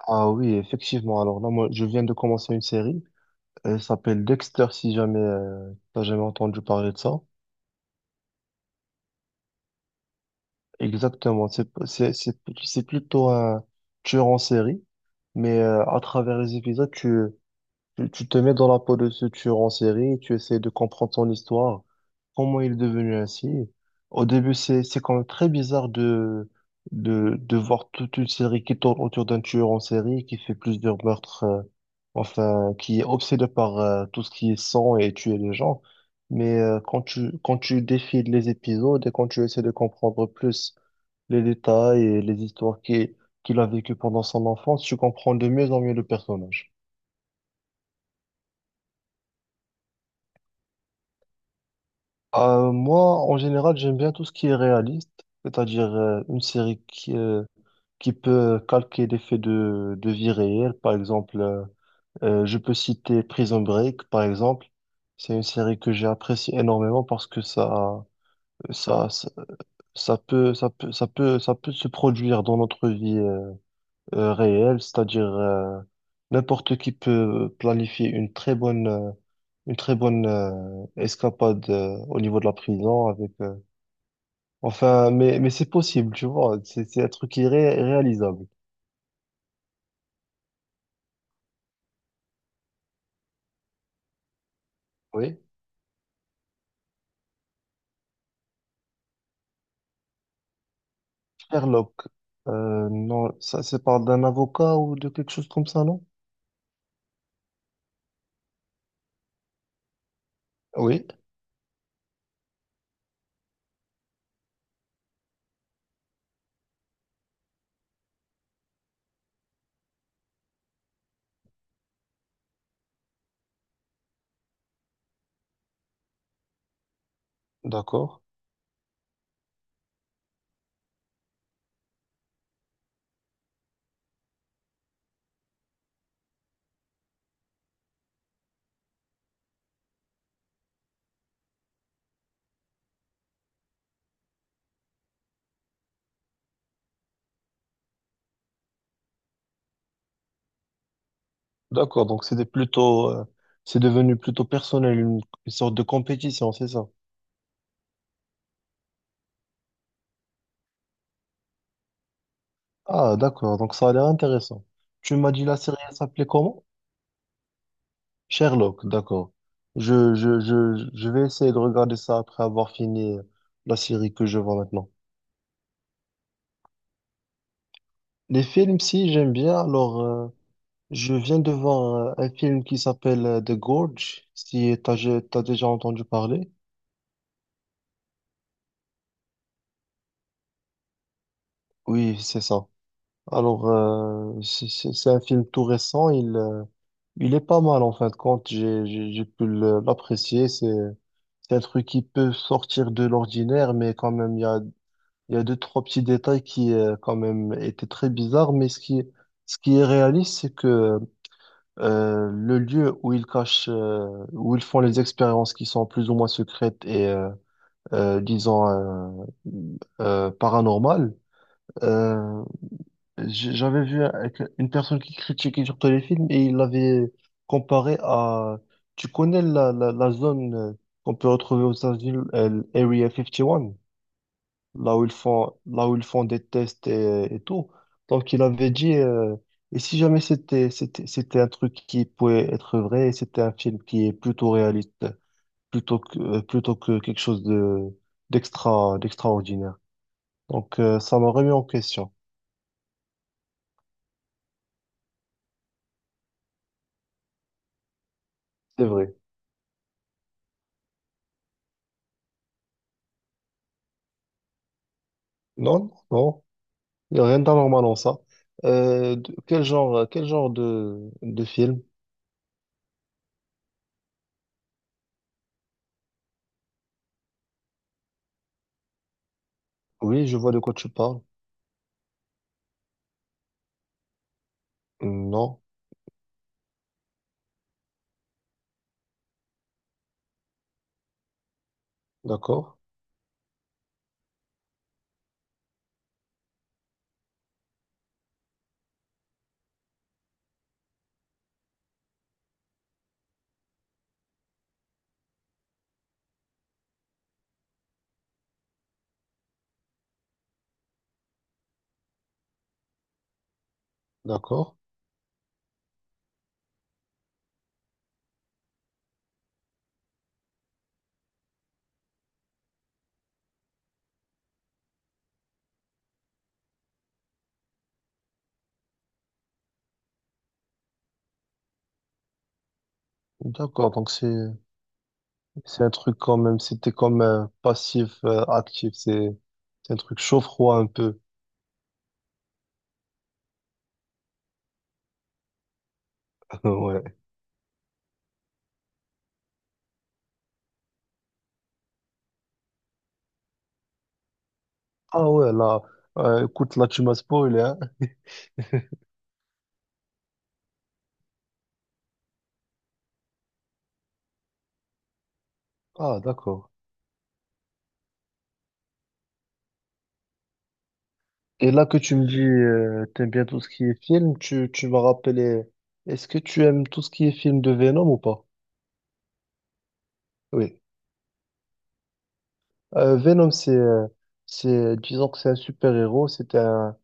Ah oui, effectivement. Alors là, moi, je viens de commencer une série. Elle s'appelle Dexter, si jamais t'as jamais entendu parler de ça. Exactement. C'est plutôt un tueur en série, mais à travers les épisodes, tu te mets dans la peau de ce tueur en série, tu essaies de comprendre son histoire, comment il est devenu ainsi. Au début, c'est quand même très bizarre de voir toute une série qui tourne autour d'un tueur en série qui fait plusieurs meurtres, enfin, qui est obsédé par tout ce qui est sang et tuer les gens. Mais quand tu défiles les épisodes et quand tu essaies de comprendre plus les détails et les histoires qu'il a vécues pendant son enfance, tu comprends de mieux en mieux le personnage. Moi, en général, j'aime bien tout ce qui est réaliste, c'est-à-dire une série qui peut calquer des faits de vie réelle. Par exemple, je peux citer Prison Break, par exemple. C'est une série que j'ai appréciée énormément parce que ça, ça, ça peut, ça peut se produire dans notre vie réelle, c'est-à-dire n'importe qui peut planifier une très bonne escapade au niveau de la prison avec enfin, mais c'est possible, tu vois. C'est un truc réalisable. Oui. Sherlock, non, ça, c'est parle d'un avocat ou de quelque chose comme ça, non? Oui, d'accord. D'accord, donc c'était c'est devenu plutôt personnel, une sorte de compétition, c'est ça? Ah, d'accord, donc ça a l'air intéressant. Tu m'as dit la série, elle s'appelait comment? Sherlock, d'accord. Je vais essayer de regarder ça après avoir fini la série que je vois maintenant. Les films, si, j'aime bien, alors. Je viens de voir un film qui s'appelle The Gorge, si t'as déjà entendu parler. Oui, c'est ça. Alors, c'est un film tout récent, il est pas mal en fin de compte, j'ai pu l'apprécier. C'est un truc qui peut sortir de l'ordinaire, mais quand même, il y a deux, trois petits détails qui quand même, étaient très bizarres. Mais ce qui est réaliste, c'est que le lieu où ils cachent, où ils font les expériences qui sont plus ou moins secrètes et, disons, paranormal. Euh, J'avais vu avec une personne qui critiquait surtout les films et il l'avait comparé à... Tu connais la zone qu'on peut retrouver aux États-Unis, l'Area 51, là où ils font, là où ils font des tests et tout. Donc, il avait dit... Et si jamais c'était un truc qui pouvait être vrai, et c'était un film qui est plutôt réaliste, plutôt que quelque chose de d'extra d'extraordinaire. Donc, ça m'a remis en question. C'est vrai. Non, non, non. Il n'y a rien d'anormal en ça. Quel genre, quel genre de film? Oui, je vois de quoi tu parles. Non, d'accord, d'accord, d'accord. Donc, c'est un truc quand même, c'était comme passif, actif. C'est un truc chaud-froid un peu. Ouais. Ah ouais, là, écoute, là, tu m'as spoilé, hein. Ah, d'accord. Et là que tu me dis, t'aimes bien tout ce qui est film, tu m'as rappelé, est-ce que tu aimes tout ce qui est film de Venom ou pas? Oui. Venom, c'est, disons que c'est un super-héros,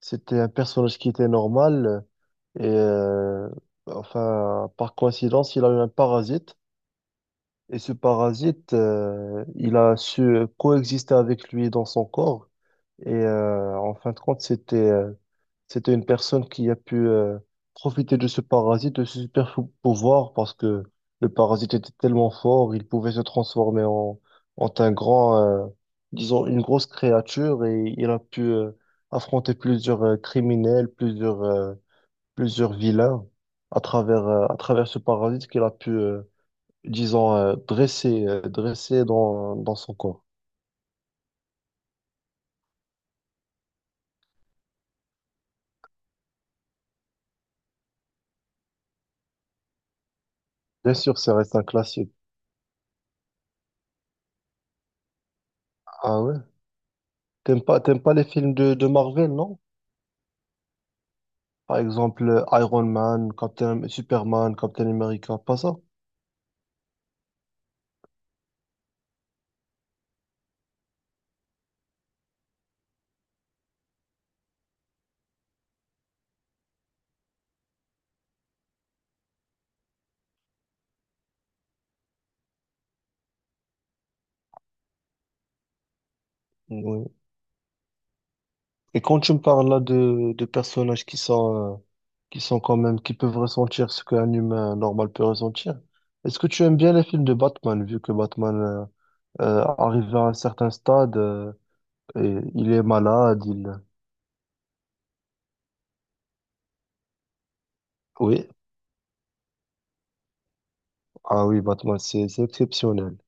c'était un personnage qui était normal, et enfin, par coïncidence, il a eu un parasite, et ce parasite, il a su coexister avec lui dans son corps. Et en fin de compte, c'était une personne qui a pu profiter de ce parasite, de ce pouvoir, parce que le parasite était tellement fort, il pouvait se transformer en un grand, disons, une grosse créature, et il a pu affronter plusieurs criminels, plusieurs vilains à travers ce parasite qu'il a pu, disons, dressé, dressé dans son corps. Bien sûr, ça reste un classique. Ah ouais? T'aimes pas les films de Marvel, non? Par exemple, Iron Man, Captain, Superman, Captain America, pas ça? Oui, et quand tu me parles là de personnages qui sont quand même, qui peuvent ressentir ce qu'un humain normal peut ressentir, est-ce que tu aimes bien les films de Batman, vu que Batman arrive à un certain stade, et il est malade, il... Oui, ah oui, Batman, c'est exceptionnel.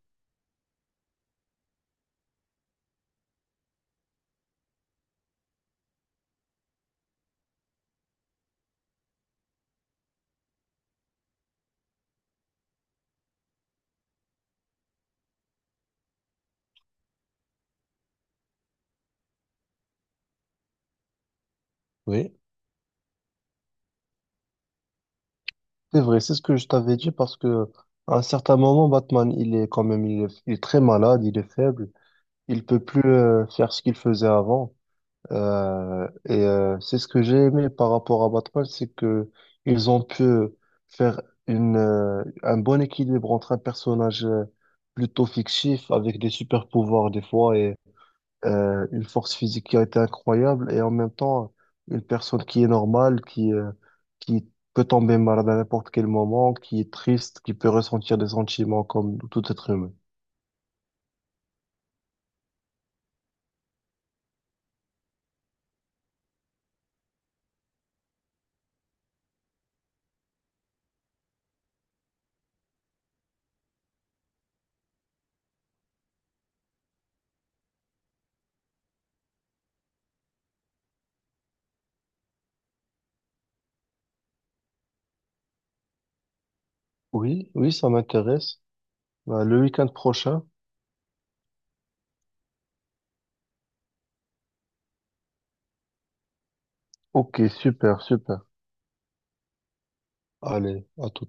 Oui, c'est vrai, c'est ce que je t'avais dit parce que à un certain moment, Batman, il est quand même, il est très malade, il est faible, il peut plus faire ce qu'il faisait avant. C'est ce que j'ai aimé par rapport à Batman, c'est que ils ont pu faire un bon équilibre entre un personnage plutôt fictif avec des super pouvoirs des fois et une force physique qui a été incroyable et en même temps une personne qui est normale, qui peut tomber malade à n'importe quel moment, qui est triste, qui peut ressentir des sentiments comme tout être humain. Oui, oui, ça m'intéresse. Bah, le week-end prochain. Ok, super, super. Allez, à tout.